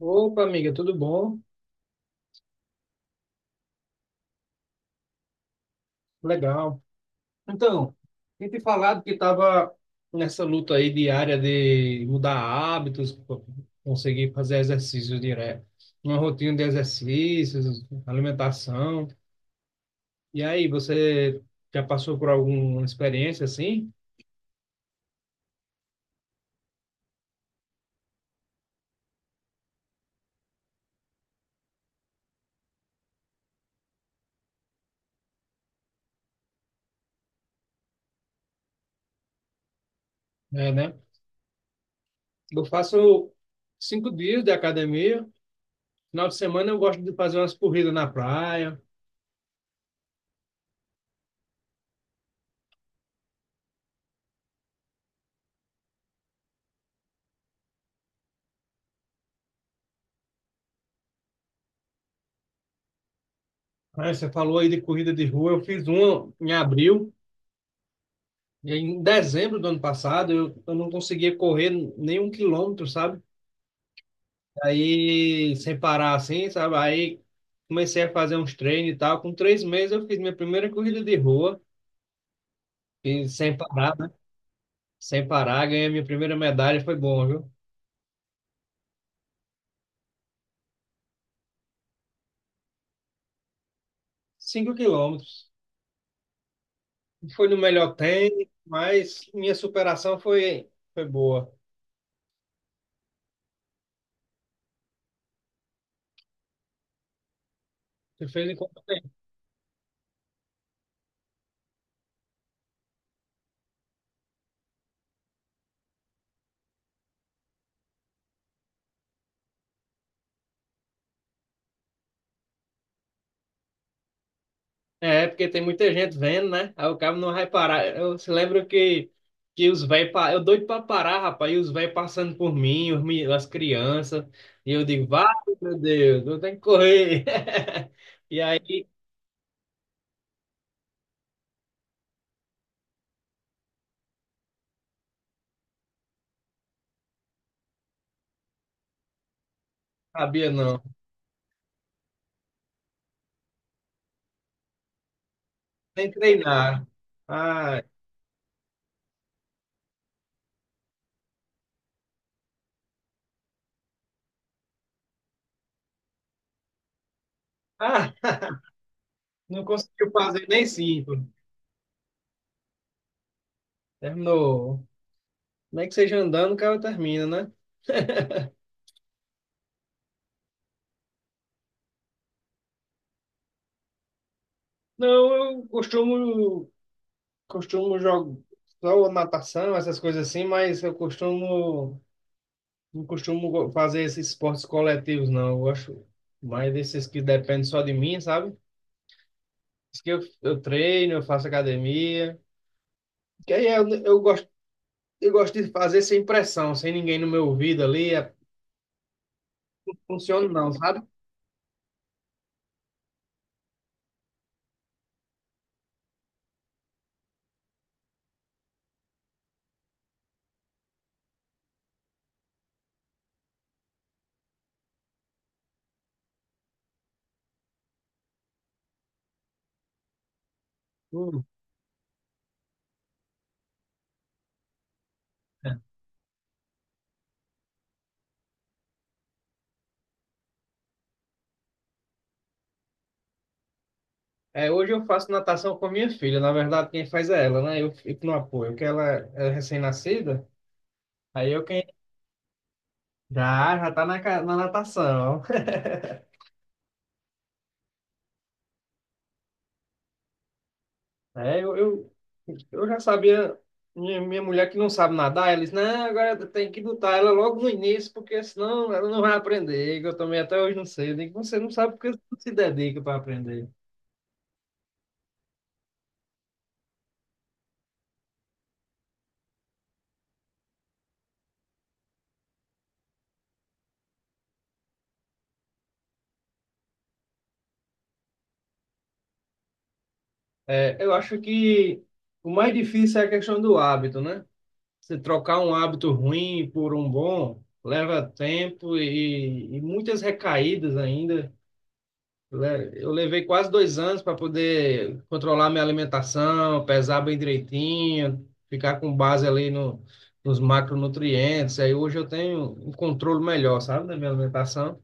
Opa, amiga, tudo bom? Legal. Então, tinha te falado que estava nessa luta aí diária de mudar hábitos, conseguir fazer exercícios direto, uma rotina de exercícios, alimentação. E aí, você já passou por alguma experiência assim? É, né? Eu faço 5 dias de academia. Final de semana eu gosto de fazer umas corridas na praia. Aí você falou aí de corrida de rua. Eu fiz uma em abril. Em dezembro do ano passado, eu não conseguia correr nenhum quilômetro, sabe? Aí, sem parar assim, sabe? Aí comecei a fazer uns treinos e tal. Com 3 meses, eu fiz minha primeira corrida de rua, e sem parar, né? Sem parar, ganhei minha primeira medalha, foi bom, viu? 5 quilômetros. Não foi no melhor tempo, mas minha superação foi boa. Você fez em... É, porque tem muita gente vendo, né? Aí o cabo não vai parar. Eu se lembro que os velhos. Eu doido pra parar, rapaz. E os velhos passando por mim, as crianças. E eu digo, vai, meu Deus, eu tenho que correr. E aí, sabia não. Nem treinar. Ah, ah, não conseguiu fazer nem cinco. Terminou. Nem que seja andando, o cara termina, né? Não, eu costumo jogar só natação, essas coisas assim, mas eu costumo. Não costumo fazer esses esportes coletivos, não. Eu gosto mais desses que dependem só de mim, sabe? Diz que eu treino, eu faço academia. Que aí eu gosto de fazer sem pressão, sem ninguém no meu ouvido ali. É, funciona não, sabe? Hum, É, hoje eu faço natação com a minha filha. Na verdade, quem faz é ela, né? Eu fico no apoio, porque ela é recém-nascida. Aí eu quem já tá na natação. É, eu já sabia, minha mulher que não sabe nadar, ela disse, não, agora tem que botar ela logo no início, porque senão ela não vai aprender, que eu também até hoje não sei. Eu digo, você não sabe porque você não se dedica para aprender. É, eu acho que o mais difícil é a questão do hábito, né? Você trocar um hábito ruim por um bom, leva tempo e muitas recaídas ainda. Eu levei quase 2 anos para poder controlar minha alimentação, pesar bem direitinho, ficar com base ali no, nos macronutrientes. Aí hoje eu tenho um controle melhor, sabe, da minha alimentação.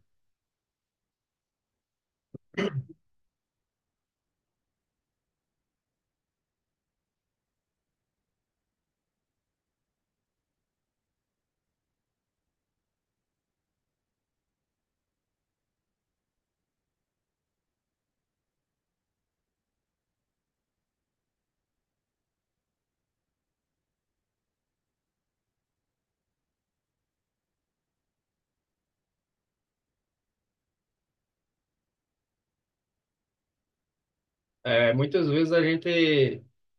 É, muitas vezes a gente,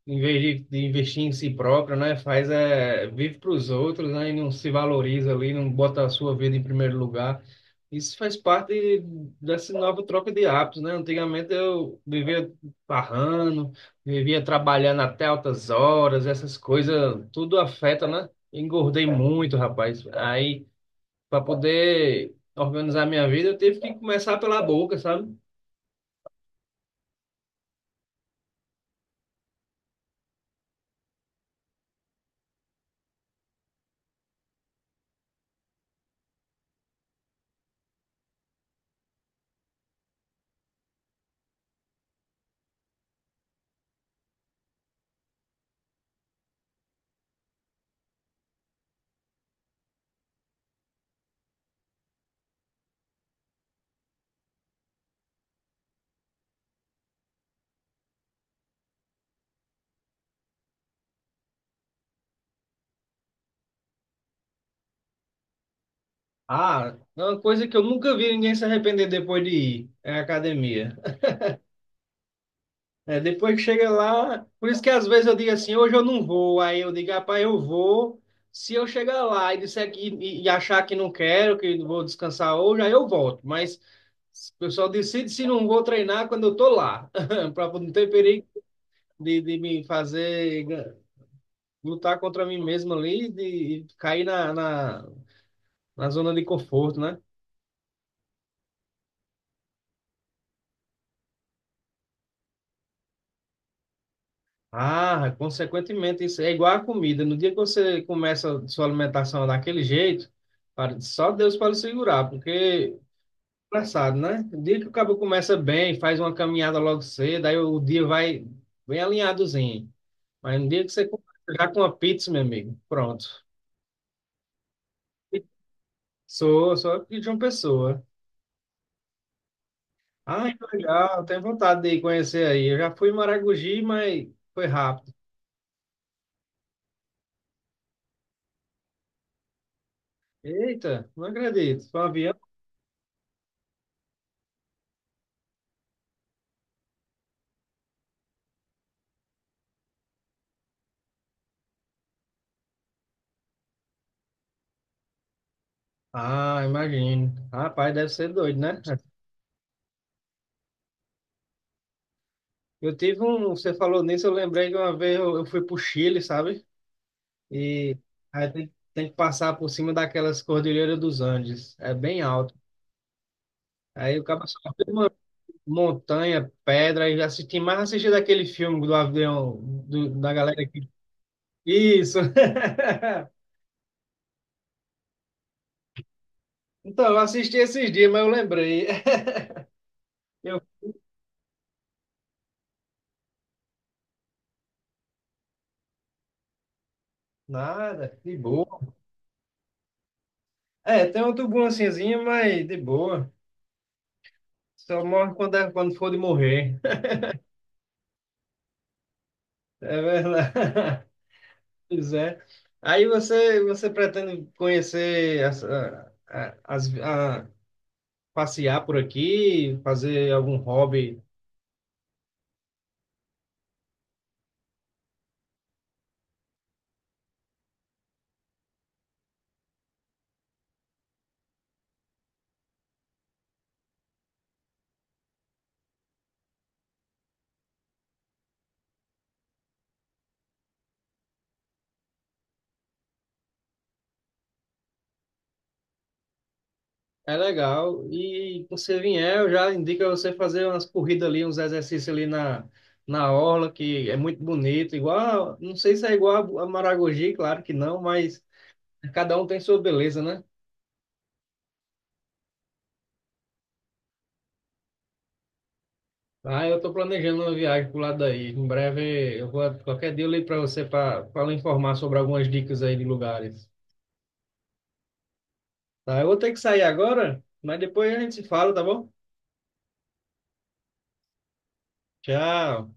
em vez de investir em si próprio, né, faz é, vive para os outros, né, e não se valoriza ali, não bota a sua vida em primeiro lugar. Isso faz parte dessa nova troca de hábitos, né? Antigamente eu vivia parrando, vivia trabalhando até altas horas, essas coisas, tudo afeta, né? Engordei muito, rapaz. Aí, para poder organizar minha vida, eu tive que começar pela boca, sabe? Ah, é uma coisa que eu nunca vi ninguém se arrepender depois de ir, é a academia. É, depois que chega lá, por isso que às vezes eu digo assim, hoje eu não vou, aí eu digo, rapaz, eu vou. Se eu chegar lá e disser que, e achar que não quero, que vou descansar hoje, aí eu volto. Mas o pessoal decide se não vou treinar quando eu tô lá, para não ter perigo de me fazer lutar contra mim mesmo ali, de cair na zona de conforto, né? Ah, consequentemente, isso é igual à comida. No dia que você começa sua alimentação daquele jeito, só Deus pode segurar, porque é engraçado, né? O dia que o cabo começa bem, faz uma caminhada logo cedo, aí o dia vai bem alinhadozinho. Mas no dia que você começa já com uma pizza, meu amigo, pronto. Sou aqui de uma pessoa. Ah, que legal, tenho vontade de ir conhecer aí. Eu já fui em Maragogi, mas foi rápido. Eita, não acredito. Foi um avião. Ah, imagino. Rapaz, deve ser doido, né? Eu tive um. Você falou nisso, eu lembrei que uma vez eu fui pro Chile, sabe? E aí tem que passar por cima daquelas cordilheiras dos Andes. É bem alto. Aí o cara só vê uma montanha, pedra, e assisti mais assisti daquele filme do avião, da galera que. Isso! Então, eu assisti esses dias, mas eu lembrei. Eu, nada, de boa. É, tem uma turbulênciazinha, mas de boa. Só morre quando, quando for de morrer. É verdade. Pois é. Aí você, pretende conhecer, as, a- as, a- passear por aqui, fazer algum hobby? É legal. E quando você vier, eu já indico a você fazer umas corridas ali, uns exercícios ali na orla, que é muito bonito. Igual, não sei se é igual a Maragogi, claro que não, mas cada um tem sua beleza, né? Ah, eu estou planejando uma viagem pro lado daí. Em breve, eu vou, qualquer dia eu ligo para você para lhe informar sobre algumas dicas aí de lugares. Tá, eu vou ter que sair agora, mas depois a gente se fala, tá bom? Tchau.